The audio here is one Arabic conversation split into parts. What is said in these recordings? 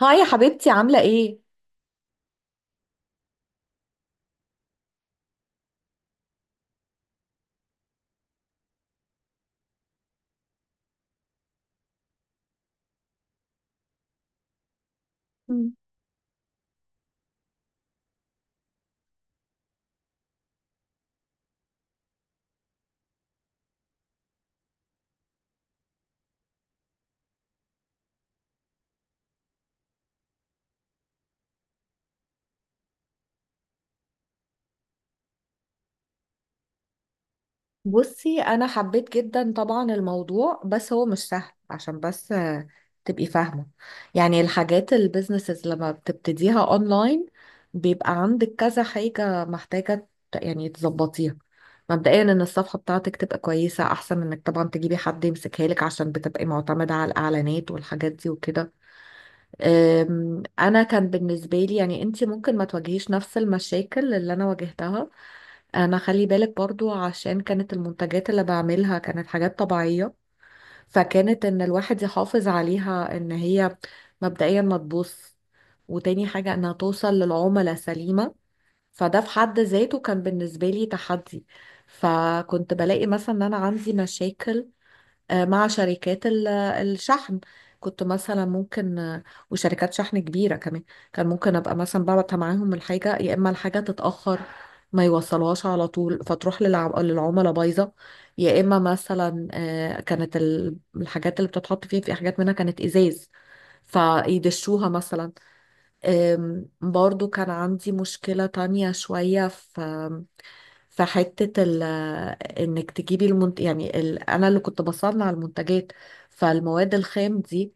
هاي يا حبيبتي، عاملة ايه؟ مم. بصي انا حبيت جدا طبعا الموضوع، بس هو مش سهل. عشان بس تبقي فاهمة، يعني الحاجات البيزنسز لما بتبتديها اونلاين، بيبقى عندك كذا حاجة محتاجة يعني تظبطيها. مبدئيا ان الصفحة بتاعتك تبقى كويسة، احسن من انك طبعا تجيبي حد يمسكها لك، عشان بتبقي معتمدة على الاعلانات والحاجات دي وكده. انا كان بالنسبه لي، يعني انت ممكن ما تواجهيش نفس المشاكل اللي انا واجهتها. انا خلي بالك برضو، عشان كانت المنتجات اللي بعملها كانت حاجات طبيعيه، فكانت ان الواحد يحافظ عليها ان هي مبدئيا ما تبوظ، وتاني حاجه انها توصل للعملاء سليمه. فده في حد ذاته كان بالنسبه لي تحدي. فكنت بلاقي مثلا ان انا عندي مشاكل مع شركات الشحن. كنت مثلا ممكن وشركات شحن كبيرة كمان، كان ممكن أبقى مثلا ببعت معاهم الحاجة، يا إما الحاجة تتأخر، ما يوصلوهاش على طول، فتروح للعملاء بايظة. يا إما مثلا كانت الحاجات اللي بتتحط فيها، في حاجات منها كانت إزاز، فيدشوها مثلا. برضو كان عندي مشكلة تانية شوية في في حتة ال، انك تجيبي المنت، يعني ال، انا اللي كنت بصنع المنتجات، فالمواد الخام دي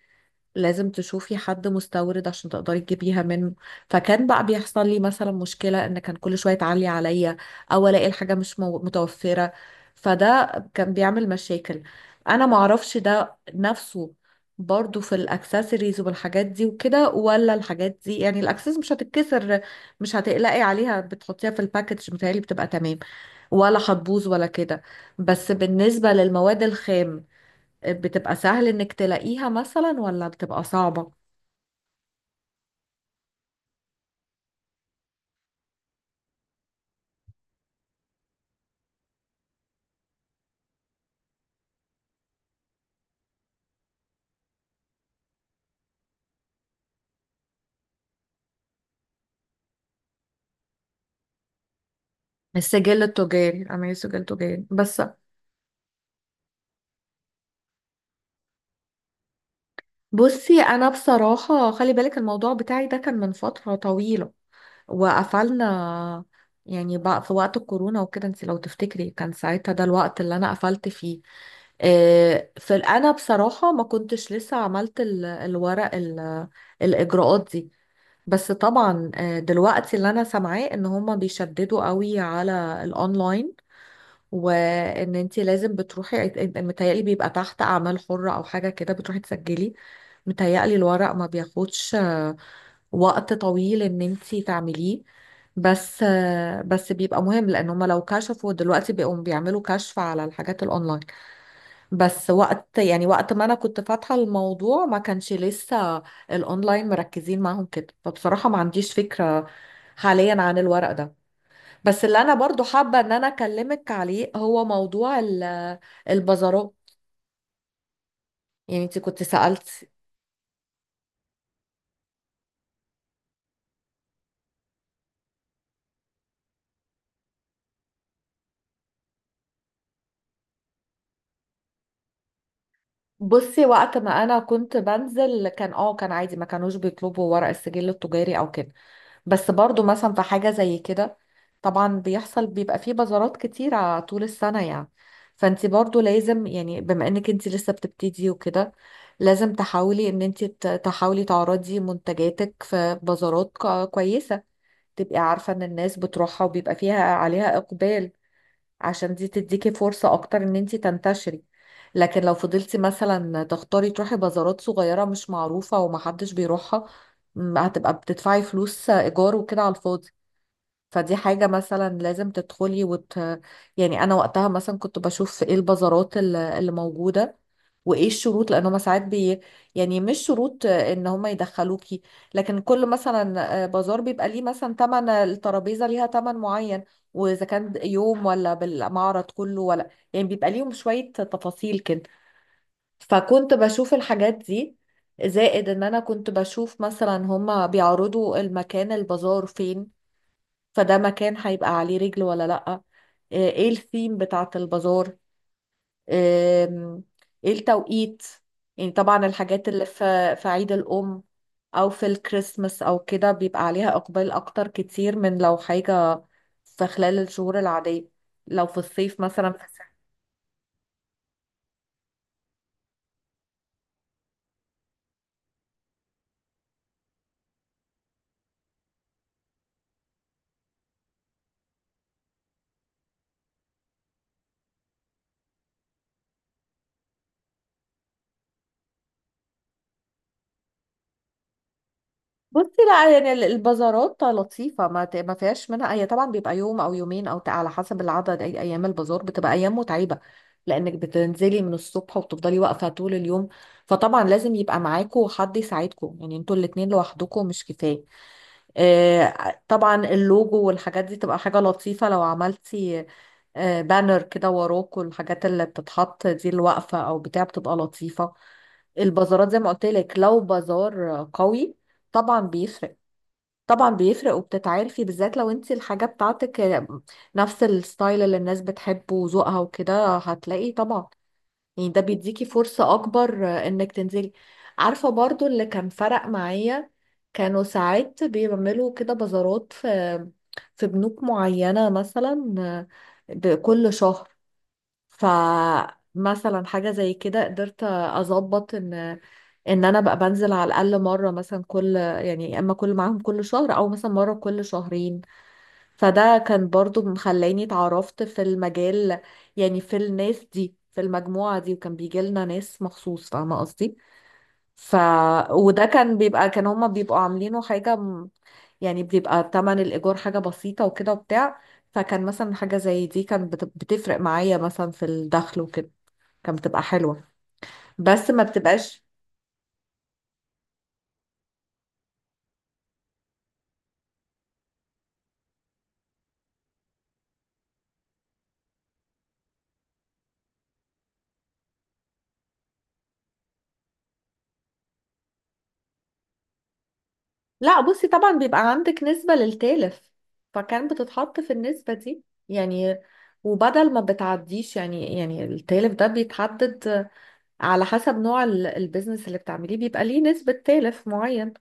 لازم تشوفي حد مستورد عشان تقدري تجيبيها منه. فكان بقى بيحصل لي مثلا مشكلة ان كان كل شوية تعلي عليا، او الاقي الحاجة مش متوفرة. فده كان بيعمل مشاكل. انا معرفش ده نفسه برضو في الاكسسوارز والحاجات دي وكده، ولا الحاجات دي، يعني الاكسسوارز مش هتتكسر، مش هتقلقي عليها، بتحطيها في الباكج متهيألي بتبقى تمام، ولا هتبوظ ولا كده. بس بالنسبة للمواد الخام، بتبقى سهل انك تلاقيها مثلا، ولا بتبقى صعبة؟ السجل التجاري، عملية سجل تجاري بس. بصي انا بصراحة خلي بالك الموضوع بتاعي ده كان من فترة طويلة وقفلنا، يعني بقى في وقت الكورونا وكده، انت لو تفتكري كان ساعتها ده الوقت اللي انا قفلت فيه. في، انا بصراحة ما كنتش لسه عملت الاجراءات دي. بس طبعا دلوقتي اللي انا سامعاه ان هما بيشددوا قوي على الاونلاين، وان انتي لازم بتروحي، متهيألي بيبقى تحت اعمال حرة او حاجة كده، بتروحي تسجلي. متهيألي الورق ما بياخدش وقت طويل ان انتي تعمليه. بس بيبقى مهم، لان هما لو كشفوا دلوقتي بيقوم بيعملوا كشف على الحاجات الاونلاين. بس وقت، يعني وقت ما انا كنت فاتحة الموضوع، ما كانش لسه الاونلاين مركزين معاهم كده، فبصراحة ما عنديش فكرة حاليا عن الورق ده. بس اللي انا برضو حابة ان انا اكلمك عليه هو موضوع البازارات. يعني انت كنت سألت. بصي وقت ما انا كنت بنزل، كان اه كان عادي، ما كانوش بيطلبوا ورق السجل التجاري او كده. بس برضو مثلا في حاجة زي كده، طبعا بيحصل، بيبقى فيه بازارات كتيرة طول السنة يعني. فانت برضو لازم، يعني بما انك انت لسه بتبتدي وكده، لازم تحاولي ان انت تحاولي تعرضي منتجاتك في بازارات كويسة، تبقي عارفة ان الناس بتروحها وبيبقى فيها عليها اقبال، عشان دي تديكي فرصة اكتر ان انتي تنتشري. لكن لو فضلتي مثلا تختاري تروحي بازارات صغيرة مش معروفة ومحدش بيروحها، هتبقى بتدفعي فلوس ايجار وكده على الفاضي. فدي حاجة مثلا لازم تدخلي وت... يعني أنا وقتها مثلا كنت بشوف إيه البازارات اللي موجودة، وإيه الشروط، لأن هما ساعات بي... يعني مش شروط إن هما يدخلوكي، لكن كل مثلا بازار بيبقى ليه مثلا تمن، الترابيزة ليها تمن معين، وإذا كان يوم ولا بالمعرض كله ولا، يعني بيبقى ليهم شوية تفاصيل كده. فكنت بشوف الحاجات دي، زائد إن أنا كنت بشوف مثلا هما بيعرضوا المكان، البازار فين، فده مكان هيبقى عليه رجل ولا لأ، ايه الثيم بتاعة البازار، آم، ايه التوقيت. يعني طبعا الحاجات اللي في في عيد الأم، أو في الكريسماس أو كده، بيبقى عليها إقبال أكتر كتير من لو حاجة في خلال الشهور العادية، لو في الصيف مثلا. بصي لا يعني البازارات لطيفة، ما ما فيهاش منها. هي طبعا بيبقى يوم أو يومين أو على حسب العدد أي أيام البازار، بتبقى أيام متعبة، لأنك بتنزلي من الصبح وبتفضلي واقفة طول اليوم. فطبعا لازم يبقى معاكوا حد يساعدكوا، يعني انتوا الاتنين لوحدكوا مش كفاية. طبعا اللوجو والحاجات دي تبقى حاجة لطيفة لو عملتي بانر كده وراكوا، الحاجات اللي بتتحط دي الواقفة أو بتاع بتبقى لطيفة. البازارات زي ما قلت لك، لو بازار قوي طبعا بيفرق. طبعا بيفرق وبتتعرفي، بالذات لو انت الحاجة بتاعتك نفس الستايل اللي الناس بتحبه وذوقها وكده، هتلاقي طبعا، يعني ده بيديكي فرصة اكبر انك تنزلي. عارفة برضو اللي كان فرق معايا، كانوا ساعات بيعملوا كده بازارات في في بنوك معينة مثلا بكل شهر. فمثلا حاجة زي كده قدرت اظبط ان ان انا بقى بنزل على الاقل مرة، مثلا كل، يعني يا اما كل معاهم كل شهر، او مثلا مرة كل شهرين. فده كان برضو مخلاني اتعرفت في المجال، يعني في الناس دي في المجموعة دي، وكان بيجي لنا ناس مخصوص، فاهمة قصدي. ف، وده كان بيبقى، كان هما بيبقوا عاملينه حاجة يعني بيبقى تمن الإيجار حاجة بسيطة وكده وبتاع. فكان مثلا حاجة زي دي كان بتفرق معايا مثلا في الدخل وكده، كانت بتبقى حلوة. بس ما بتبقاش. لا بصي طبعا بيبقى عندك نسبة للتالف، فكان بتتحط في النسبة دي، يعني وبدل ما بتعديش، يعني التالف ده بيتحدد على حسب نوع البيزنس اللي بتعمليه، بيبقى ليه نسبة تالف معين.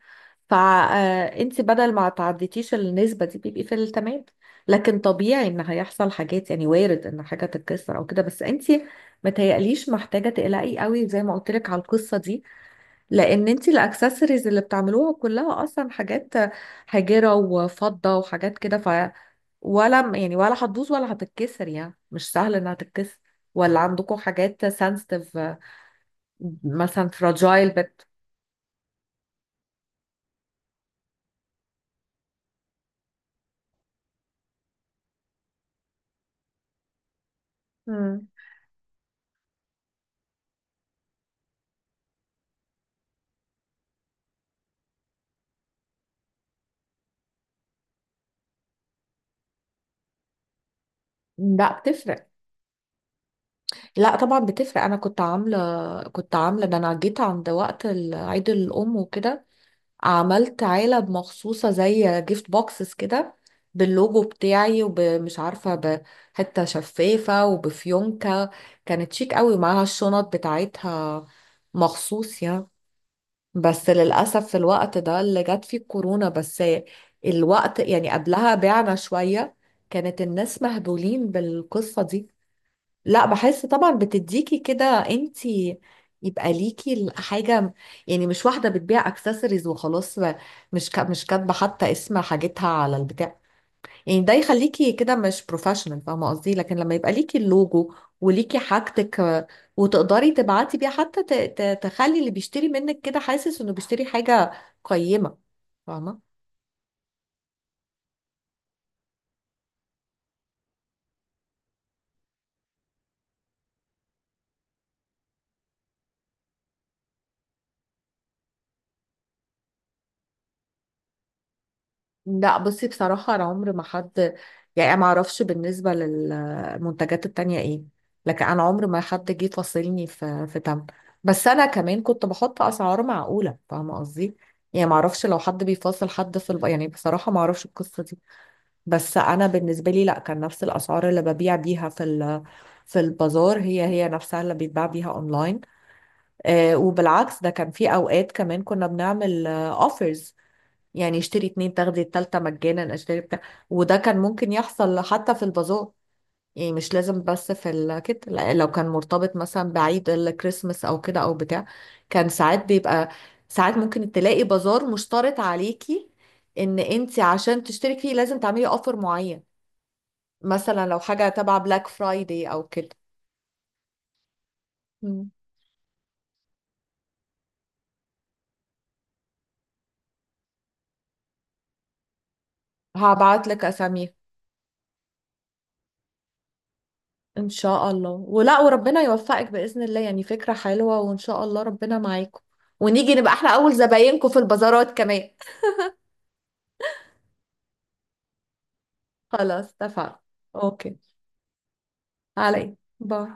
فانت بدل ما تعديتيش النسبة دي بيبقي في التمام. لكن طبيعي ان هيحصل حاجات، يعني وارد ان حاجة تتكسر او كده، بس انت متهيأليش محتاجة تقلقي قوي زي ما قلت لك على القصة دي، لان انت الاكسسوارز اللي بتعملوها كلها اصلا حاجات حجرة وفضة وحاجات كده، ف، ولا يعني ولا هتبوظ ولا هتتكسر، يعني مش سهل انها تتكسر، ولا عندكم حاجات سنسيتيف مثلا، فراجايل بت. مم. لا بتفرق، لا طبعا بتفرق. انا كنت عامله، كنت عامله، ده انا جيت عند وقت عيد الام وكده، عملت علب مخصوصة زي جيفت بوكسز كده، باللوجو بتاعي، ومش عارفة بحتة شفافة وبفيونكة، كانت شيك قوي، ومعاها الشنط بتاعتها مخصوص يعني. بس للأسف في الوقت ده اللي جت فيه الكورونا، بس الوقت يعني قبلها بعنا شوية، كانت الناس مهبولين بالقصة دي. لا بحس طبعا بتديكي كده انتي، يبقى ليكي حاجة، يعني مش واحدة بتبيع اكسسوارز وخلاص مش كاتبة حتى اسم حاجتها على البتاع. يعني ده يخليكي كده مش بروفيشنال، فاهمة قصدي؟ لكن لما يبقى ليكي اللوجو، وليكي حاجتك وتقدري تبعتي بيها، حتى تخلي اللي بيشتري منك كده حاسس انه بيشتري حاجة قيمة. فاهمة؟ لا بصي بصراحة أنا عمر ما حد، يعني ما أعرفش بالنسبة للمنتجات التانية إيه، لكن أنا عمر ما حد جه فاصلني في في تمن. بس أنا كمان كنت بحط أسعار معقولة، فاهمة قصدي، يعني ما أعرفش لو حد بيفاصل حد في الب... يعني بصراحة ما أعرفش القصة دي. بس أنا بالنسبة لي لا، كان نفس الأسعار اللي ببيع بيها في ال... في البازار هي هي نفسها اللي بيتباع بيها أونلاين. آه وبالعكس، ده كان في أوقات كمان كنا بنعمل أوفرز، يعني اشتري اتنين تاخدي التالتة مجانا، اشتري بتاع. وده كان ممكن يحصل حتى في البازار، يعني مش لازم بس في كده. لا، لو كان مرتبط مثلا بعيد الكريسماس او كده او بتاع، كان ساعات بيبقى، ساعات ممكن تلاقي بازار مشترط عليكي ان انت عشان تشترك فيه لازم تعملي اوفر معين، مثلا لو حاجة تبع بلاك فرايدي او كده. هبعت لك اسامي ان شاء الله، ولا وربنا يوفقك باذن الله، يعني فكره حلوه وان شاء الله ربنا معاكم، ونيجي نبقى احنا اول زباينكم في البازارات كمان. خلاص اتفقنا. اوكي. علي باي.